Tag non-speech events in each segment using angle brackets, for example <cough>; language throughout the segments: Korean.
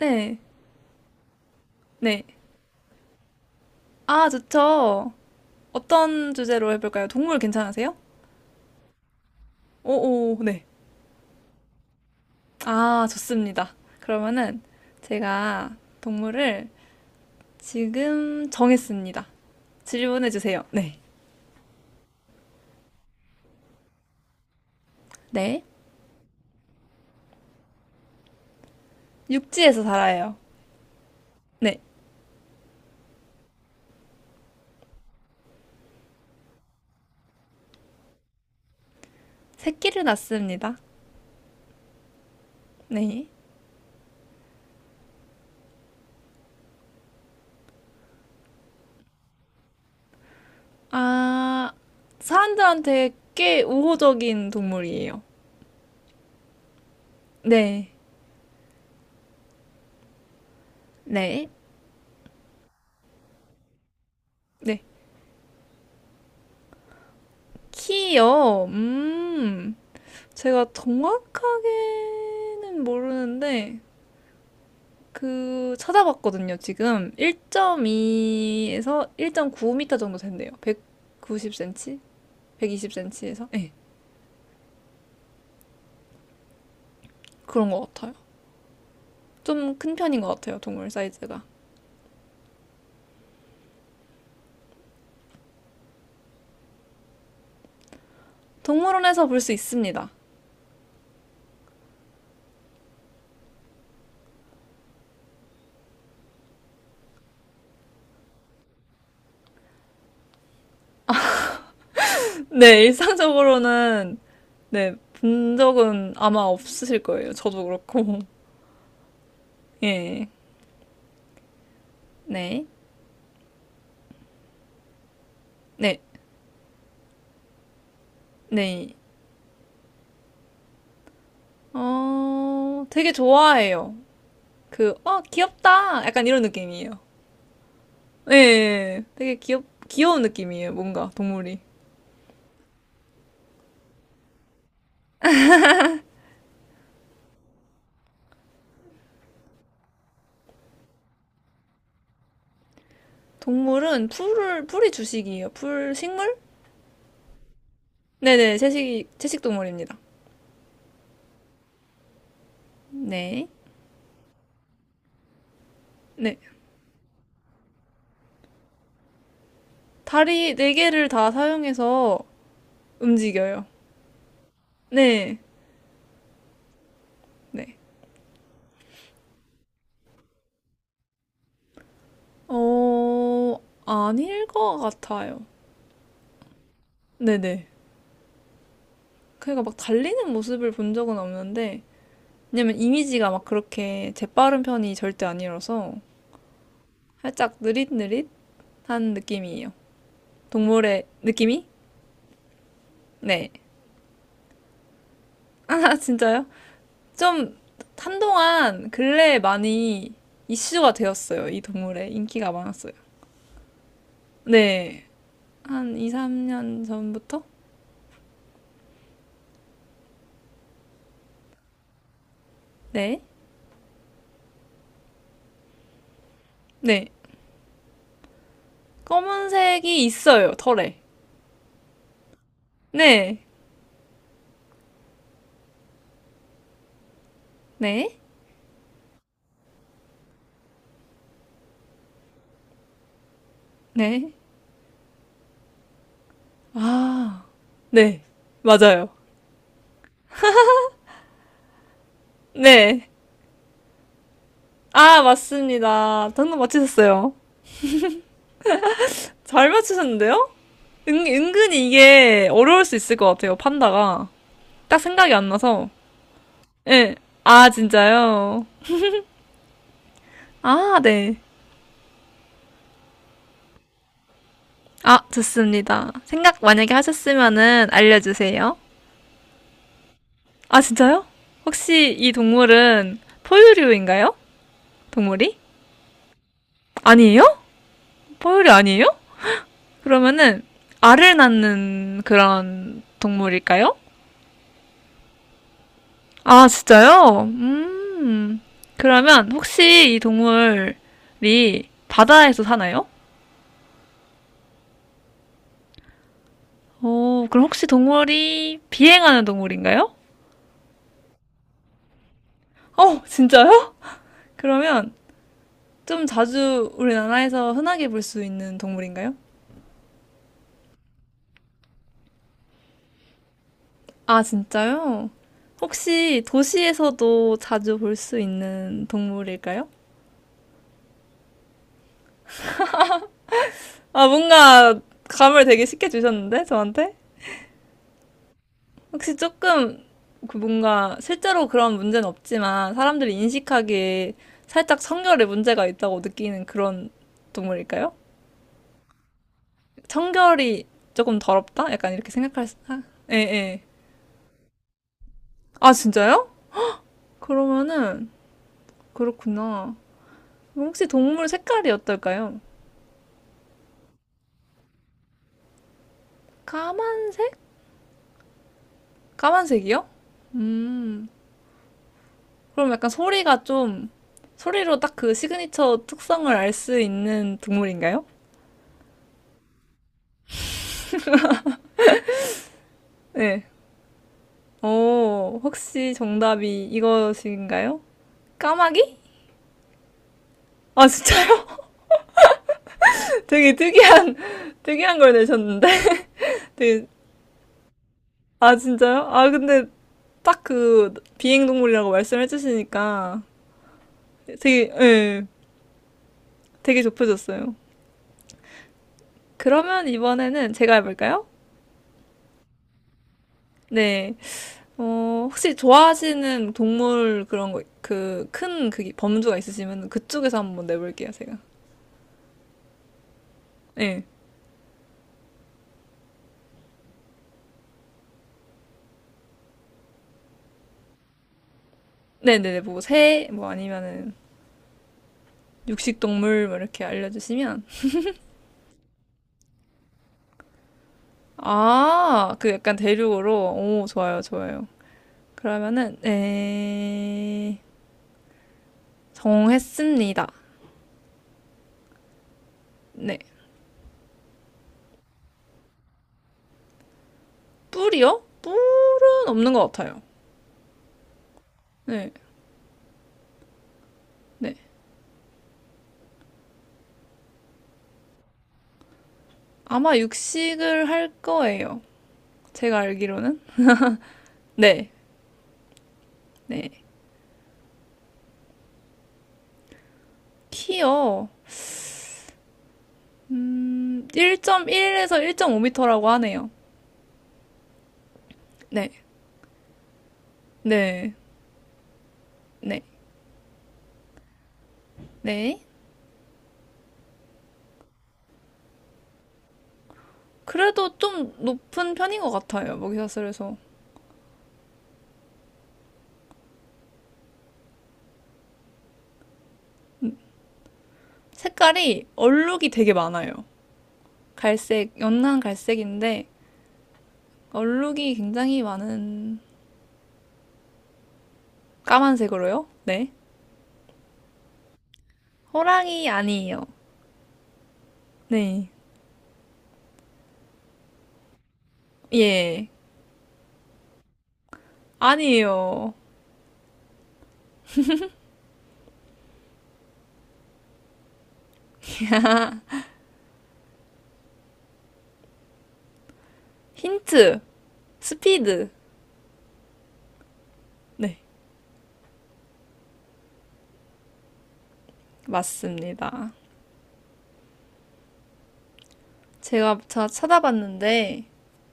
네, 네. 아, 좋죠. 어떤 주제로 해볼까요? 동물 괜찮으세요? 오, 오, 네. 아, 좋습니다. 그러면은 제가 동물을 지금 정했습니다. 질문해 주세요. 네. 네. 육지에서 살아요. 네. 새끼를 낳습니다. 네. 아, 사람들한테 꽤 우호적인 동물이에요. 네. 네. 네. 키요. 음. 제가 정확하게는 모르는데 그 찾아봤거든요. 지금 1.2에서 1.9m 정도 된대요. 190cm? 120cm에서? 네, 그런 것 같아요. 좀 큰 편인 것 같아요. 동물 사이즈가. 동물원에서 볼 수 있습니다. <laughs> 네, 일상적으로는 네, 본 적은 아마 없으실 거예요. 저도 그렇고. <laughs> 예. 네. 네. 네. 어, 되게 좋아해요. 귀엽다. 약간 이런 느낌이에요. 예, 예, 예. 되게 귀여운 느낌이에요. 뭔가, 동물이. 동물은 풀이 주식이에요. 풀, 식물? 네네, 채식 동물입니다. 네. 네. 다리 네 개를 다 사용해서 움직여요. 네. 네. 어, 아닐 것 같아요. 네네. 그러니까 막 달리는 모습을 본 적은 없는데, 왜냐면 이미지가 막 그렇게 재빠른 편이 절대 아니라서, 살짝 느릿느릿? 한 느낌이에요. 동물의 느낌이? 네. <laughs> 아, 진짜요? 좀 한동안 근래에 많이 이슈가 되었어요. 이 동물의 인기가 많았어요. 네. 한 2, 3년 전부터? 네. 네. 검은색이 있어요, 털에. 네. 네. 네. 네. 맞아요. 네. 아, 맞습니다. 당근 맞히셨어요. 잘 맞히셨는데요? 은근히 이게 어려울 수 있을 것 같아요, 판다가. 딱 생각이 안 나서. 예. 아, 진짜요? 아, 네. 아, 좋습니다. 생각 만약에 하셨으면은 알려주세요. 아, 진짜요? 혹시 이 동물은 포유류인가요? 동물이? 아니에요? 포유류 아니에요? 그러면은 알을 낳는 그런 동물일까요? 아, 진짜요? 음. 그러면 혹시 이 동물이 바다에서 사나요? 오, 그럼 혹시 동물이 비행하는 동물인가요? 어, 진짜요? 그러면 좀 자주 우리나라에서 흔하게 볼 수 있는 동물인가요? 아, 진짜요? 혹시 도시에서도 자주 볼 수 있는 동물일까요? 아, 뭔가 감을 되게 쉽게 주셨는데, 저한테? 혹시 조금 그 뭔가 실제로 그런 문제는 없지만 사람들이 인식하기에 살짝 청결에 문제가 있다고 느끼는 그런 동물일까요? 청결이 조금 더럽다? 약간 이렇게 생각할 수, 아, 예, 예. 아, 진짜요? 그러면은, 그렇구나. 혹시 동물 색깔이 어떨까요? 까만, 까만색이요? 음, 그럼 약간 소리가 좀, 소리로 딱 그 시그니처 특성을 알 수 있는 동물인가요? 네. 오, 혹시 정답이 이것인가요? 까마귀? 아, 진짜요? <laughs> 되게 특이한 걸 내셨는데? <laughs> 되게, 아, 진짜요? 아, 근데 딱 그 비행동물이라고 말씀해 주시니까 예, 되게 좁혀졌어요. 그러면 이번에는 제가 해볼까요? 네. 어, 혹시 좋아하시는 동물 그런 거, 그, 큰 그, 범주가 있으시면 그쪽에서 한번 내볼게요, 제가. 네. 네네네, 뭐, 새, 뭐, 아니면은, 육식동물, 뭐, 이렇게 알려주시면. 아, 그 약간 대륙으로. 오, 좋아요, 좋아요. 그러면은, 네. 정했습니다. 네. 뿔이요? 뿔은 없는 것 같아요. 네, 네. 아마 육식을 할 거예요. 제가 알기로는. 네, 네. 키요. 1.1에서 1 5터라고 하네요. 네, 네, 네, 네. 그래도 좀 높은 편인 것 같아요, 먹이사슬에서. 색깔이 얼룩이 되게 많아요. 갈색, 연한 갈색인데, 얼룩이 굉장히 많은 까만색으로요? 네. 호랑이 아니에요. 네. 예. 아니에요. 힌트. 스피드. 네. 맞습니다. 제가 자 찾아봤는데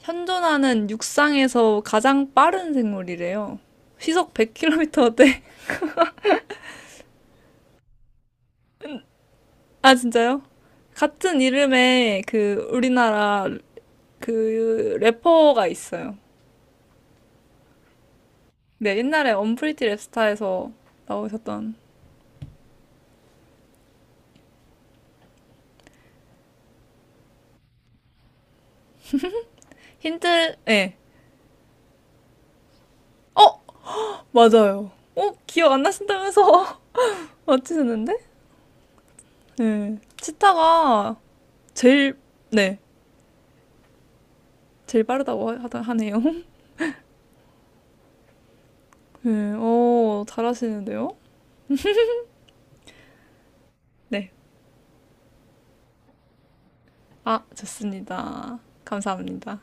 현존하는 육상에서 가장 빠른 생물이래요. 시속 100km대. <laughs> 아, 진짜요? 같은 이름의 그 우리나라 그 래퍼가 있어요. 네, 옛날에 언프리티 랩스타에서 나오셨던 힌트, 예. 어, 맞아요. 어, 기억 안 나신다면서 <laughs> 맞히셨는데? 네. 치타가 제일, 네, 제일 빠르다고 하네요. <laughs> 네, 어, 잘하시는데요? 네. 아, 좋습니다. 감사합니다.